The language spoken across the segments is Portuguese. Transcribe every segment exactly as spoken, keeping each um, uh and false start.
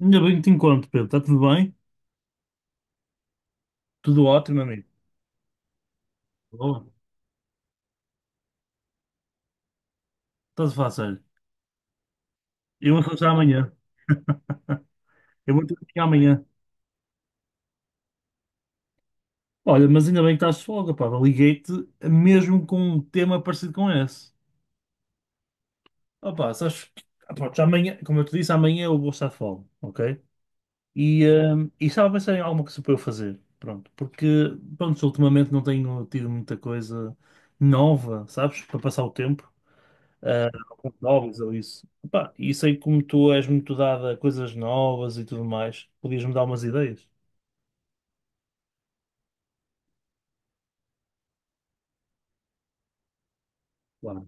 Ainda bem que te encontro, Pedro. Está tudo bem? Tudo ótimo, amigo. Boa. Está-se fácil. Eu vou encontrar amanhã. Eu vou te ligar amanhã. Olha, mas ainda bem que estás de folga, pá. Liguei-te mesmo com um tema parecido com esse. Opa, sabes? que- ah, Pronto, já amanhã, como eu te disse, amanhã eu vou estar de folga, ok? E, hum, e estava a pensar em alguma coisa para eu fazer. Pronto, porque, pronto, ultimamente não tenho tido muita coisa nova, sabes? Para passar o tempo. Ah, alguns novos ou isso. Pá, e sei como tu és muito dada a coisas novas e tudo mais. Podias-me dar umas ideias? Claro.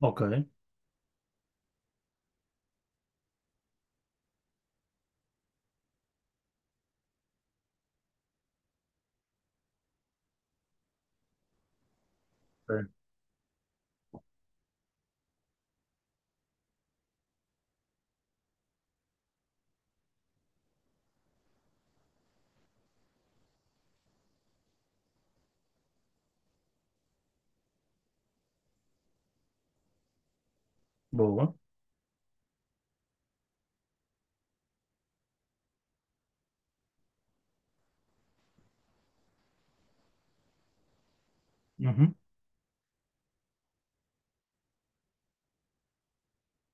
Ok. Ok. Boa. Uhum.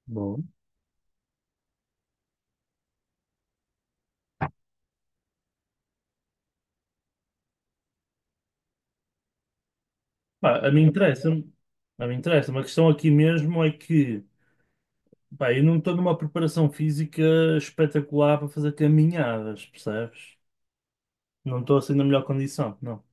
Boa. Pá, a mim interessa-me. A mim interessa-me. A questão aqui mesmo é que, pá, eu não estou numa preparação física espetacular para fazer caminhadas, percebes? Não estou assim na melhor condição, não.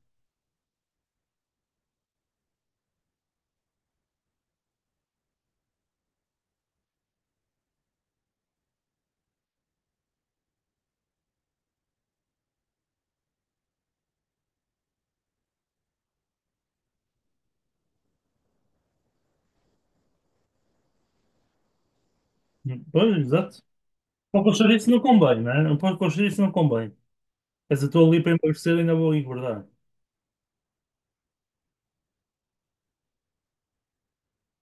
Pois, exato. Para o colchão isso não convém, né? Para o colchão isso não convém. Mas eu estou ali para emagrecer, ainda vou engordar.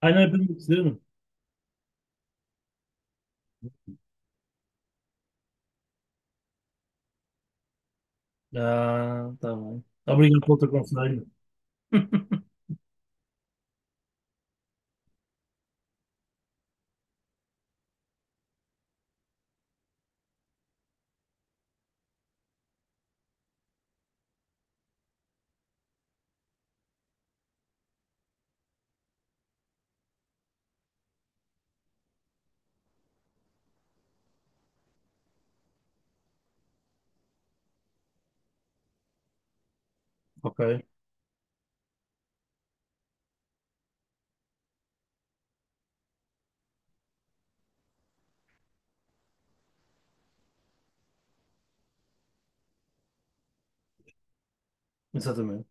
Ah, não é para emagrecer? Ah, tá bem. Obrigado pelo teu conselho. Ok, exatamente.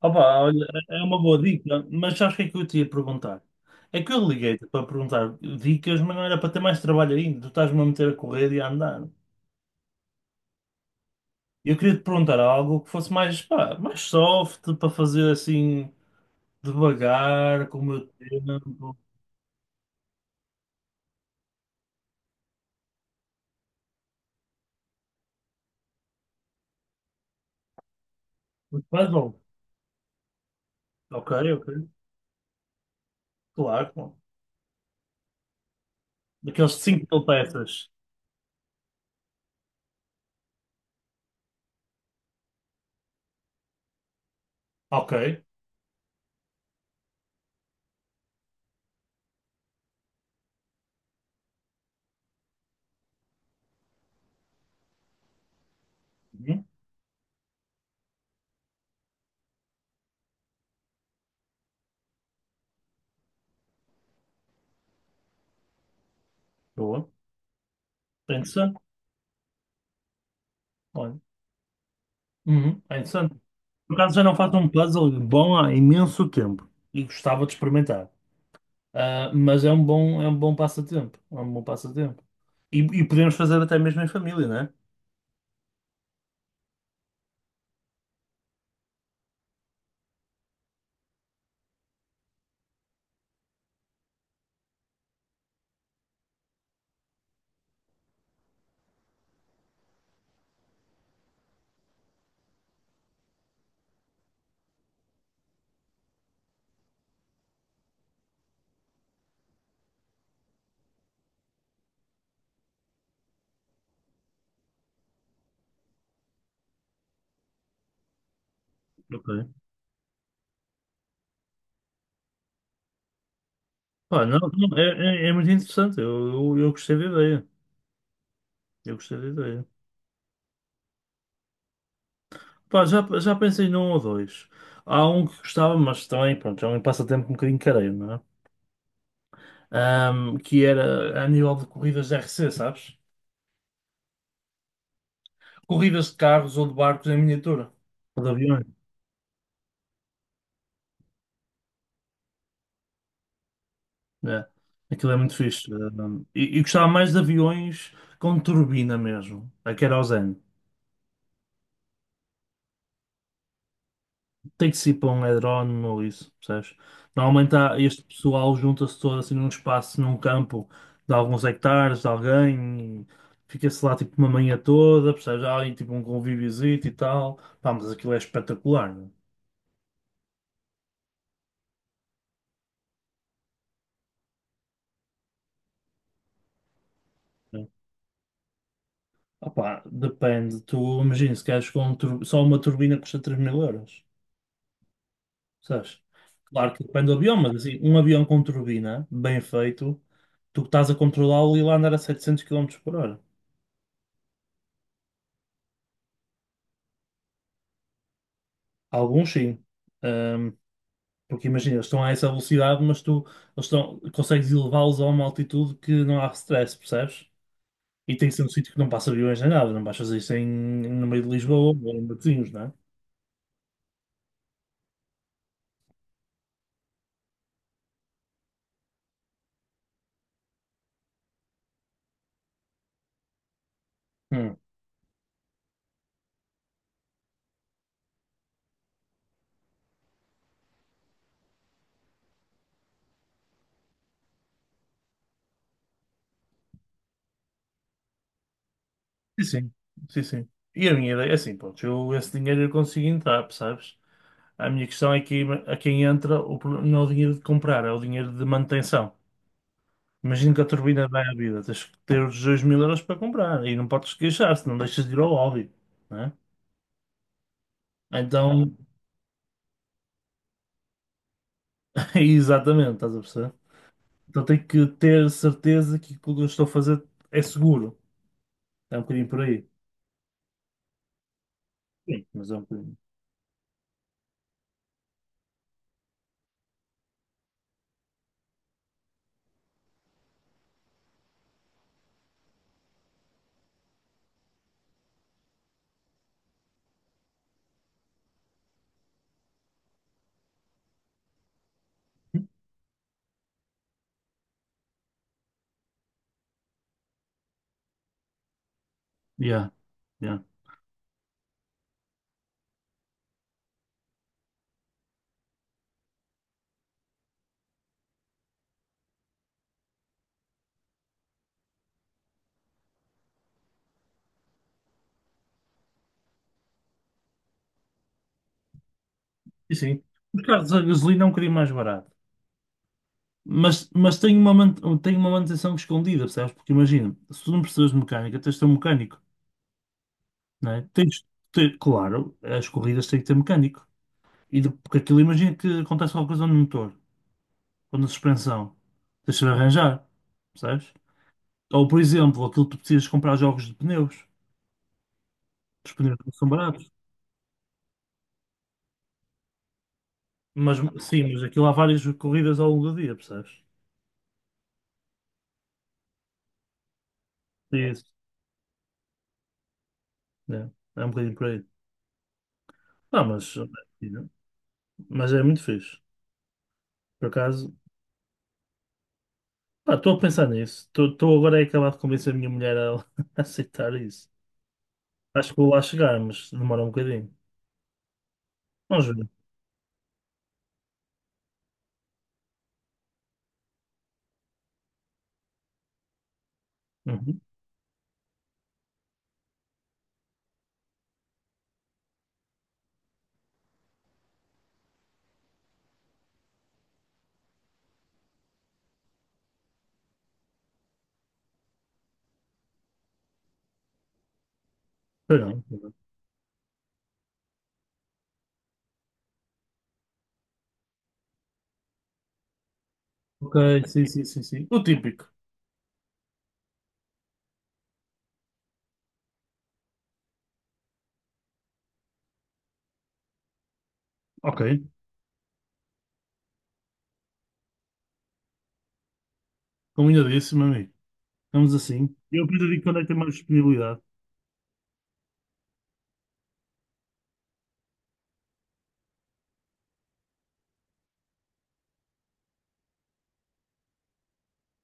Opa, olha, é uma boa dica, mas sabes o que é que eu te ia perguntar? É que eu liguei-te para perguntar dicas, mas não era para ter mais trabalho ainda. Tu estás-me a meter a correr e a andar. Eu queria te perguntar algo que fosse mais, pá, mais soft, para fazer assim, devagar, com o meu tempo. Puzzle. Ok, ok. Claro, claro. Daqueles cinco mil peças. Ok. Uhum. Boa. É interessante. Olha, uhum, é interessante. Por acaso já não faço um puzzle bom há imenso tempo e gostava de experimentar. Ah, mas é um bom, é um bom passatempo. É um bom passatempo. E, e podemos fazer até mesmo em família, não é? Ok. Pá, não, não, é, é- é muito interessante. Eu, eu, eu gostei da ideia. Eu gostei da ideia. Pá, já, já pensei num ou dois. Há um que gostava, mas também, pronto, é um passatempo um bocadinho careiro, não é? Ahm, que era a nível de corridas de R C, sabes? Corridas de carros ou de barcos em miniatura. Ou de aviões. É. Aquilo é muito fixe. Um, e, e gostava mais de aviões com turbina mesmo, a querosene. Tem que ser para um drone ou isso, percebes? Normalmente há, este pessoal junta-se todo assim num espaço, num campo de alguns hectares, de alguém, e fica-se lá tipo uma manhã toda, percebes? Há ali tipo um convíviozinho e tal. Pá, mas aquilo é espetacular, meu. É. Opá, depende. Tu imagina, se queres com um tur- só uma turbina custa três mil euros. Sabes? Claro que depende do avião, mas assim, um avião com turbina, bem feito, tu estás a controlá-lo e lá andar a setecentos quilómetros por hora. Alguns sim. Ahm, Porque imagina, eles estão a essa velocidade, mas tu eles estão, consegues elevá-los a uma altitude que não há stress, percebes? E tem que ser um sítio que não passa aviões nem nada, não vais fazer isso em, no meio de Lisboa ou em Matosinhos, não é? Hum. Sim, sim, sim, sim. E a minha ideia é assim, pronto, eu esse dinheiro eu consigo entrar, percebes? A minha questão é que a quem entra o problema não é o dinheiro de comprar, é o dinheiro de manutenção. Imagina que a turbina vai à vida, tens que ter os dois mil euros para comprar e não podes queixar, se não deixas de ir ao lobby, né? Então, exatamente, estás a perceber? Então tenho que ter certeza que aquilo que eu estou a fazer é seguro. É um bocadinho por aí. Sim, mas é um bocadinho. Yeah, yeah. E sim, os carros a gasolina é um bocadinho mais barato. Mas, mas tem uma, man- tem uma manutenção escondida, percebes? Porque imagina, se tu não precisas de mecânica, tens de ter um mecânico. Não é? Tens, te- claro, as corridas têm que ter mecânico. E de- porque aquilo, imagina que acontece alguma coisa no motor, ou na suspensão. Tens de arranjar, percebes? Ou, por exemplo, aquilo que tu precisas comprar jogos de pneus. Os pneus não são baratos. Mas, sim, mas aquilo há várias corridas ao longo do dia, percebes? É isso, é, é um bocadinho por aí. Ah, mas, mas é muito fixe. Por acaso, pá, estou a pensar nisso. Estou agora a acabar de convencer a minha mulher a, a aceitar isso. Acho que vou lá chegar, mas demora um bocadinho. Vamos ver. Uhum. Caramba, caramba. Ok, sim, sim, sim, sim. O típico. Ok, combinadíssimo, amigo. Estamos assim. Eu depois digo quando é que tem mais disponibilidade.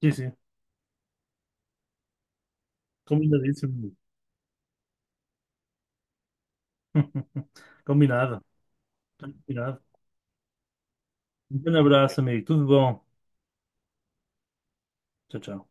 Sim, sim. Combinadíssimo, amigo. Combinado. Combinado. Um grande abraço, amigo. Tudo bom. Tchau, tchau.